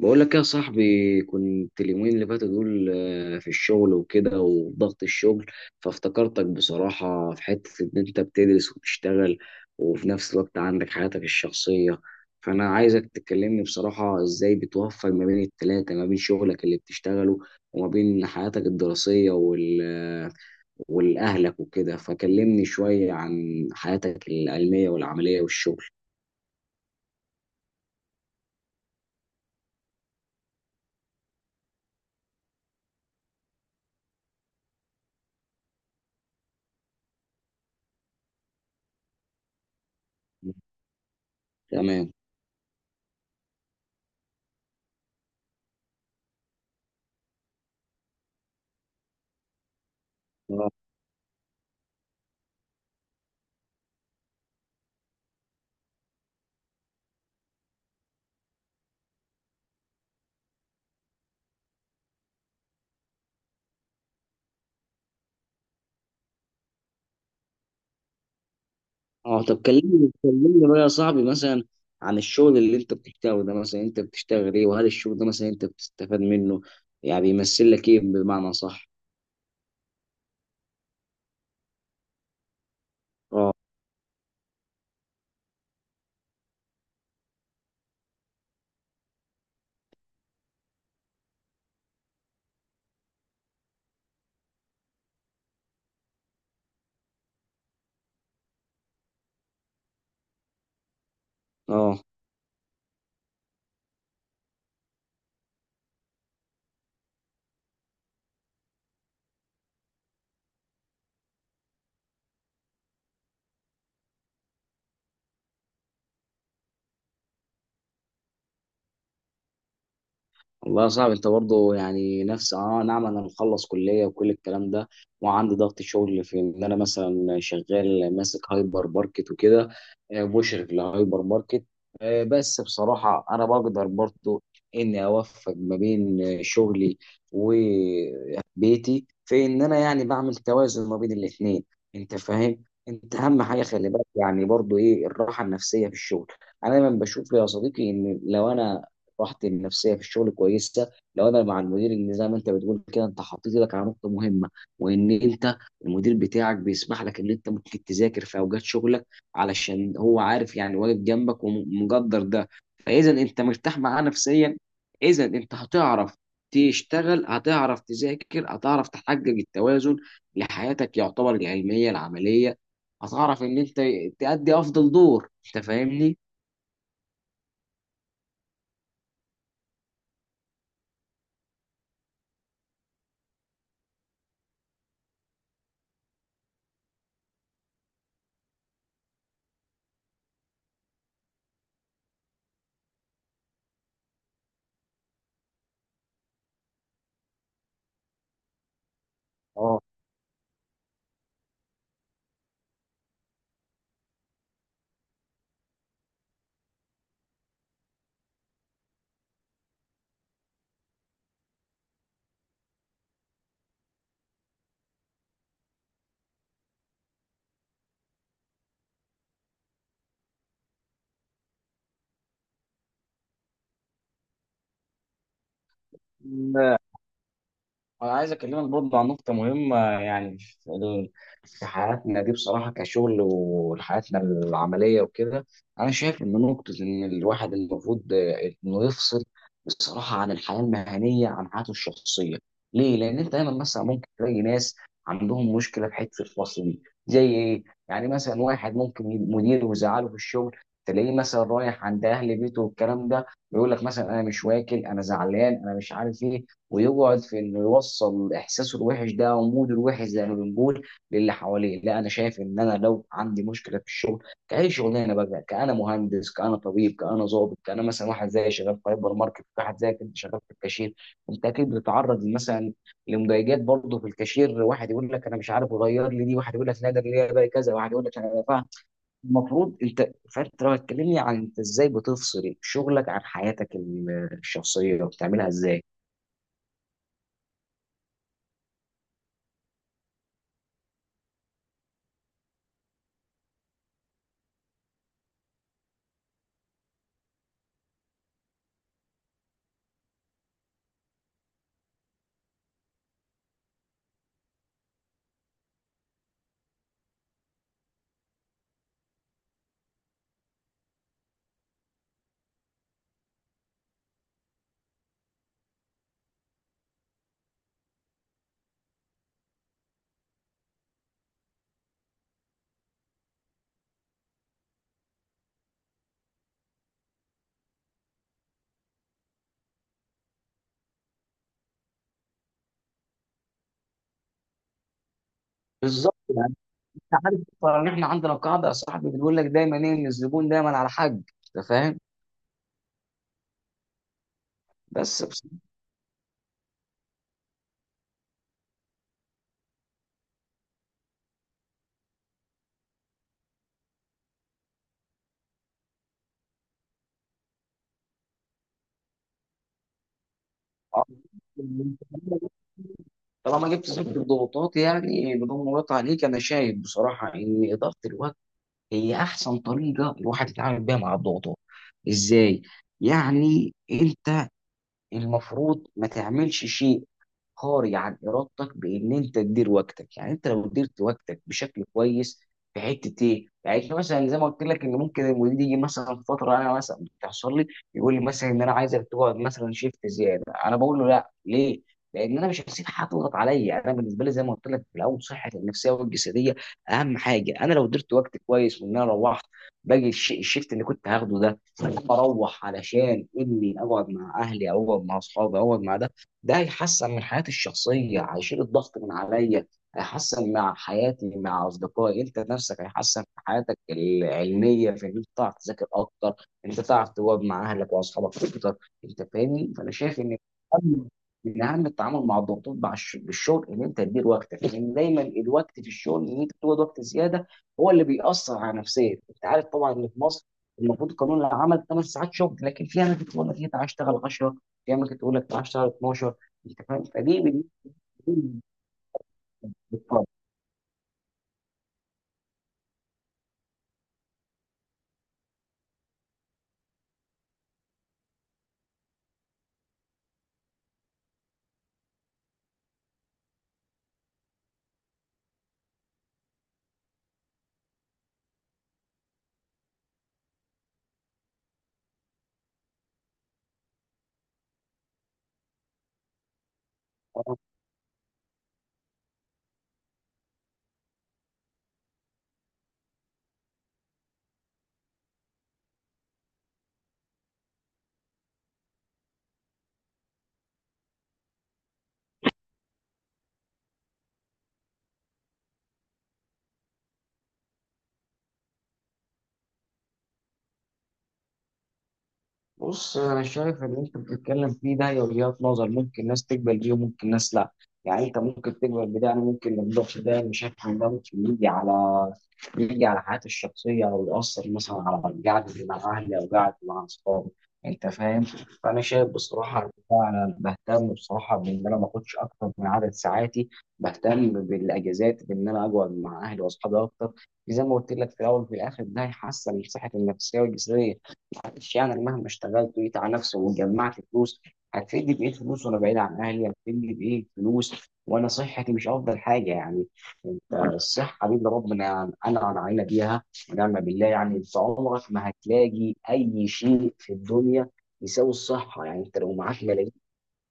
بقول لك يا صاحبي، كنت اليومين اللي فاتوا دول في الشغل وكده وضغط الشغل. فافتكرتك بصراحة في حتة إن أنت بتدرس وبتشتغل وفي نفس الوقت عندك حياتك الشخصية. فأنا عايزك تكلمني بصراحة إزاي بتوفق ما بين التلاتة، ما بين شغلك اللي بتشتغله وما بين حياتك الدراسية والأهلك وكده. فكلمني شوية عن حياتك العلمية والعملية والشغل. تمام. اه طب كلمني كلمني بقى يا صاحبي، مثلا عن الشغل اللي انت بتشتغله ده. مثلا انت بتشتغل ايه؟ وهل الشغل ده مثلا انت بتستفاد منه؟ يعني بيمثل لك ايه بمعنى صح؟ اه. اه والله يا صاحبي، انت برضه يعني نفس اه. نعم، انا مخلص كليه وكل الكلام ده، وعندي ضغط شغل في ان انا مثلا شغال ماسك هايبر ماركت وكده، مشرف لهايبر ماركت. بس بصراحه انا بقدر برضه اني اوفق ما بين شغلي وبيتي، في ان انا يعني بعمل توازن ما بين الاثنين. انت فاهم؟ انت اهم حاجه خلي بالك يعني برضه ايه؟ الراحه النفسيه في الشغل. انا دايما بشوف يا صديقي ان لو انا راحتي النفسيه في الشغل كويسه، لو انا مع المدير، ان زي ما انت بتقول كده انت حطيت ايدك على نقطه مهمه، وان انت المدير بتاعك بيسمح لك ان انت ممكن تذاكر في اوقات شغلك علشان هو عارف، يعني واقف جنبك ومقدر ده. فاذا انت مرتاح معاه نفسيا، اذا انت هتعرف تشتغل، هتعرف تذاكر، هتعرف تحقق التوازن لحياتك يعتبر العلميه العمليه. هتعرف ان انت تأدي افضل دور. انت فاهمني؟ اه. أنا عايز أكلمك برضه عن نقطة مهمة يعني في حياتنا دي بصراحة كشغل وحياتنا العملية وكده. أنا شايف إن نقطة إن الواحد المفروض إنه يفصل بصراحة عن الحياة المهنية عن حياته الشخصية. ليه؟ لأن أنت دايما مثلا ممكن تلاقي ناس عندهم مشكلة في حتة الفصل دي زي إيه؟ يعني مثلا واحد ممكن مديره يزعله في الشغل، تلاقيه مثلا رايح عند أهل بيته والكلام ده، يقول لك مثلا أنا مش واكل، أنا زعلان، أنا مش عارف إيه، ويقعد في انه يوصل احساسه الوحش ده او موده الوحش زي ما بنقول للي حواليه. لا، انا شايف ان انا لو عندي مشكله في الشغل، كاي شغلانه بقى، كانا مهندس كانا طبيب كانا ضابط، كانا مثلا واحد زي شغال في هايبر ماركت، واحد زي كنت شغال في الكاشير. انت اكيد بتتعرض مثلا لمضايقات برضه في الكاشير، واحد يقول لك انا مش عارف اغير لي دي، واحد يقول لك لا ده اللي هي بقى كذا، واحد يقول لك انا لا فاهم. المفروض انت، فانت لو هتكلمني عن انت ازاي بتفصل شغلك عن حياتك الشخصيه وبتعملها ازاي. بالظبط. انت عارف اصلا ان احنا عندنا قاعده يا صاحبي بتقول لك دايما ايه؟ ان الزبون دايما على حق. انت فاهم؟ بس آه. طالما جبت سيره الضغوطات يعني بدون مقاطعه عليك، انا شايف بصراحه ان اداره الوقت هي احسن طريقه الواحد يتعامل بيها مع الضغوطات. ازاي؟ يعني انت المفروض ما تعملش شيء خارج عن ارادتك، بان انت تدير وقتك. يعني انت لو ديرت وقتك بشكل كويس، في حته ايه؟ يعني إحنا مثلا زي ما قلت لك، ان ممكن المدير يجي مثلا فتره، انا مثلا بتحصل لي، يقول لي مثلا ان انا عايزك تقعد مثلا شيفت زياده. انا بقول له لا. ليه؟ لان انا مش هسيب حد يضغط عليا. يعني انا بالنسبه لي زي ما قلت لك في الاول، صحتي النفسيه والجسديه اهم حاجه. انا لو درت وقت كويس، وان انا روحت، باجي الشيفت اللي كنت هاخده ده، اروح علشان اني اقعد مع اهلي، او اقعد مع اصحابي، او اقعد مع ده، ده هيحسن من حياتي الشخصيه، هيشيل الضغط من عليا، هيحسن مع حياتي مع اصدقائي. انت نفسك هيحسن في حياتك العلميه، في ان انت تعرف تذاكر اكتر، انت تعرف تواجه مع اهلك واصحابك اكتر. انت فاهمني؟ فانا شايف ان أهم- من اهم التعامل مع الضغوطات مع بالشغل، ان انت تدير وقتك، لان دايما الوقت في الشغل ان انت تقعد وقت زياده هو اللي بيأثر على نفسيتك. انت عارف طبعا ان في مصر المفروض قانون العمل 8 ساعات شغل، لكن في اماكن تقول لك انت عايز تشتغل 10، في اماكن تقول لك تعالى اشتغل 12. أنت فاهم؟ دي بص انا شايف ان انت بتتكلم فيه ده هي وجهات نظر، ممكن ناس تقبل بيه وممكن ناس لا. يعني انت ممكن تقبل بده، انا ممكن ما اقدرش، ده مش هفهم، ده ممكن يجي على يجي على حياتي الشخصيه، او ياثر مثلا على قعدتي مع اهلي او قعدتي مع اصحابي. انت فاهم؟ فانا شايف بصراحه إن انا بهتم بصراحه بان انا ما اخدش اكتر من عدد ساعاتي، بهتم بالاجازات بان انا اقعد مع اهلي واصحابي اكتر. زي ما قلت لك في الاول وفي الاخر ده هيحسن من صحتي النفسيه والجسديه. معلش يعني، أنا مهما اشتغلت وجيت على نفسي وجمعت فلوس، هتفيدني بإيه فلوس وأنا بعيد عن أهلي؟ هتفيدني بإيه فلوس وأنا صحتي مش أفضل حاجة؟ يعني أنت الصحة دي اللي ربنا أنعم علينا بيها، ونعم بالله. يعني أنت عمرك ما هتلاقي أي شيء في الدنيا يساوي الصحة. يعني أنت لو معاك ملايين،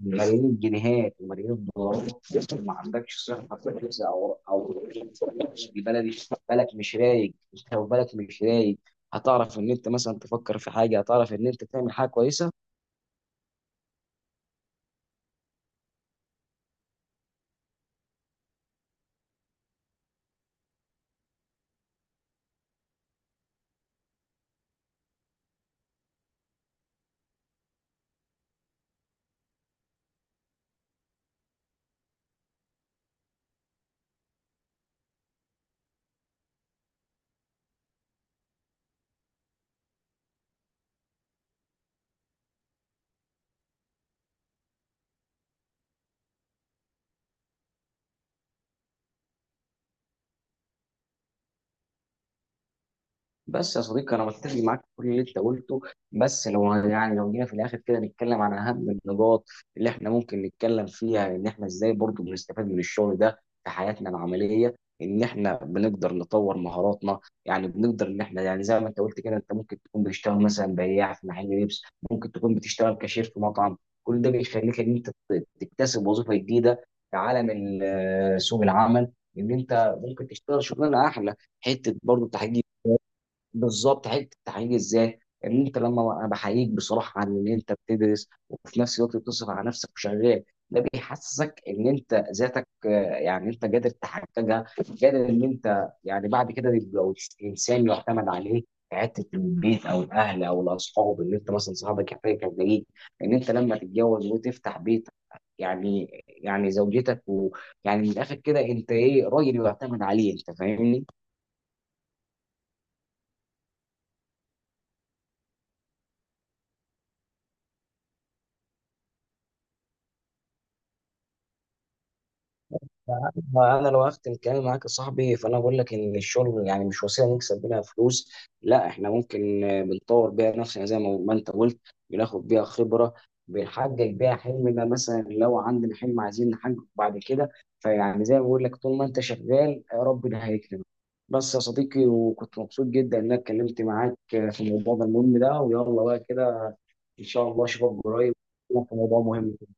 ملايين الجنيهات وملايين الدولارات، ما عندكش صحه كويسه، او او البلدي بالك مش رايق، انت لو بالك مش رايق، هتعرف ان انت مثلا تفكر في حاجه؟ هتعرف ان انت تعمل حاجه كويسه؟ بس يا صديقي انا متفق معاك في كل اللي انت قلته. بس لو يعني لو جينا في الاخر كده نتكلم عن اهم النقاط اللي احنا ممكن نتكلم فيها، ان احنا ازاي برضو بنستفاد من الشغل ده في حياتنا العمليه، ان احنا بنقدر نطور مهاراتنا. يعني بنقدر ان احنا، يعني زي ما انت قلت كده، انت ممكن تكون بتشتغل مثلا بياع في محل لبس، ممكن تكون بتشتغل كاشير في مطعم، كل ده بيخليك ان انت تكتسب وظيفه جديده في عالم سوق العمل. ان انت ممكن تشتغل شغلانه احلى، حته برضو تحقيق. بالظبط، حته التحقيق ازاي؟ ان انت لما انا بحييك بصراحه عن ان انت بتدرس وفي نفس الوقت بتصرف على نفسك وشغال، ده بيحسسك ان انت ذاتك يعني انت قادر تحققها، قادر ان انت يعني بعد كده تبقى انسان يعتمد عليه في حته البيت او الاهل او الاصحاب، ان انت مثلا صاحبك يحتاج يلاقيك، ان انت لما تتجوز وتفتح بيت، يعني يعني زوجتك، ويعني من الاخر كده انت ايه؟ راجل يعتمد عليه. انت فاهمني؟ انا لو هختم كلامي معاك يا صاحبي، فانا بقول لك ان الشغل يعني مش وسيله نكسب بيها فلوس لا، احنا ممكن بنطور بيها نفسنا زي ما انت قلت، بناخد بيها خبره، بنحقق بيها حلمنا مثلا لو عندنا حلم عايزين نحققه بعد كده. فيعني زي ما بقول لك طول ما انت شغال ربنا هيكرمك. بس يا صديقي، وكنت مبسوط جدا ان انا اتكلمت معاك في الموضوع ده المهم ده. ويلا بقى كده، ان شاء الله اشوفك قريب في موضوع مهم.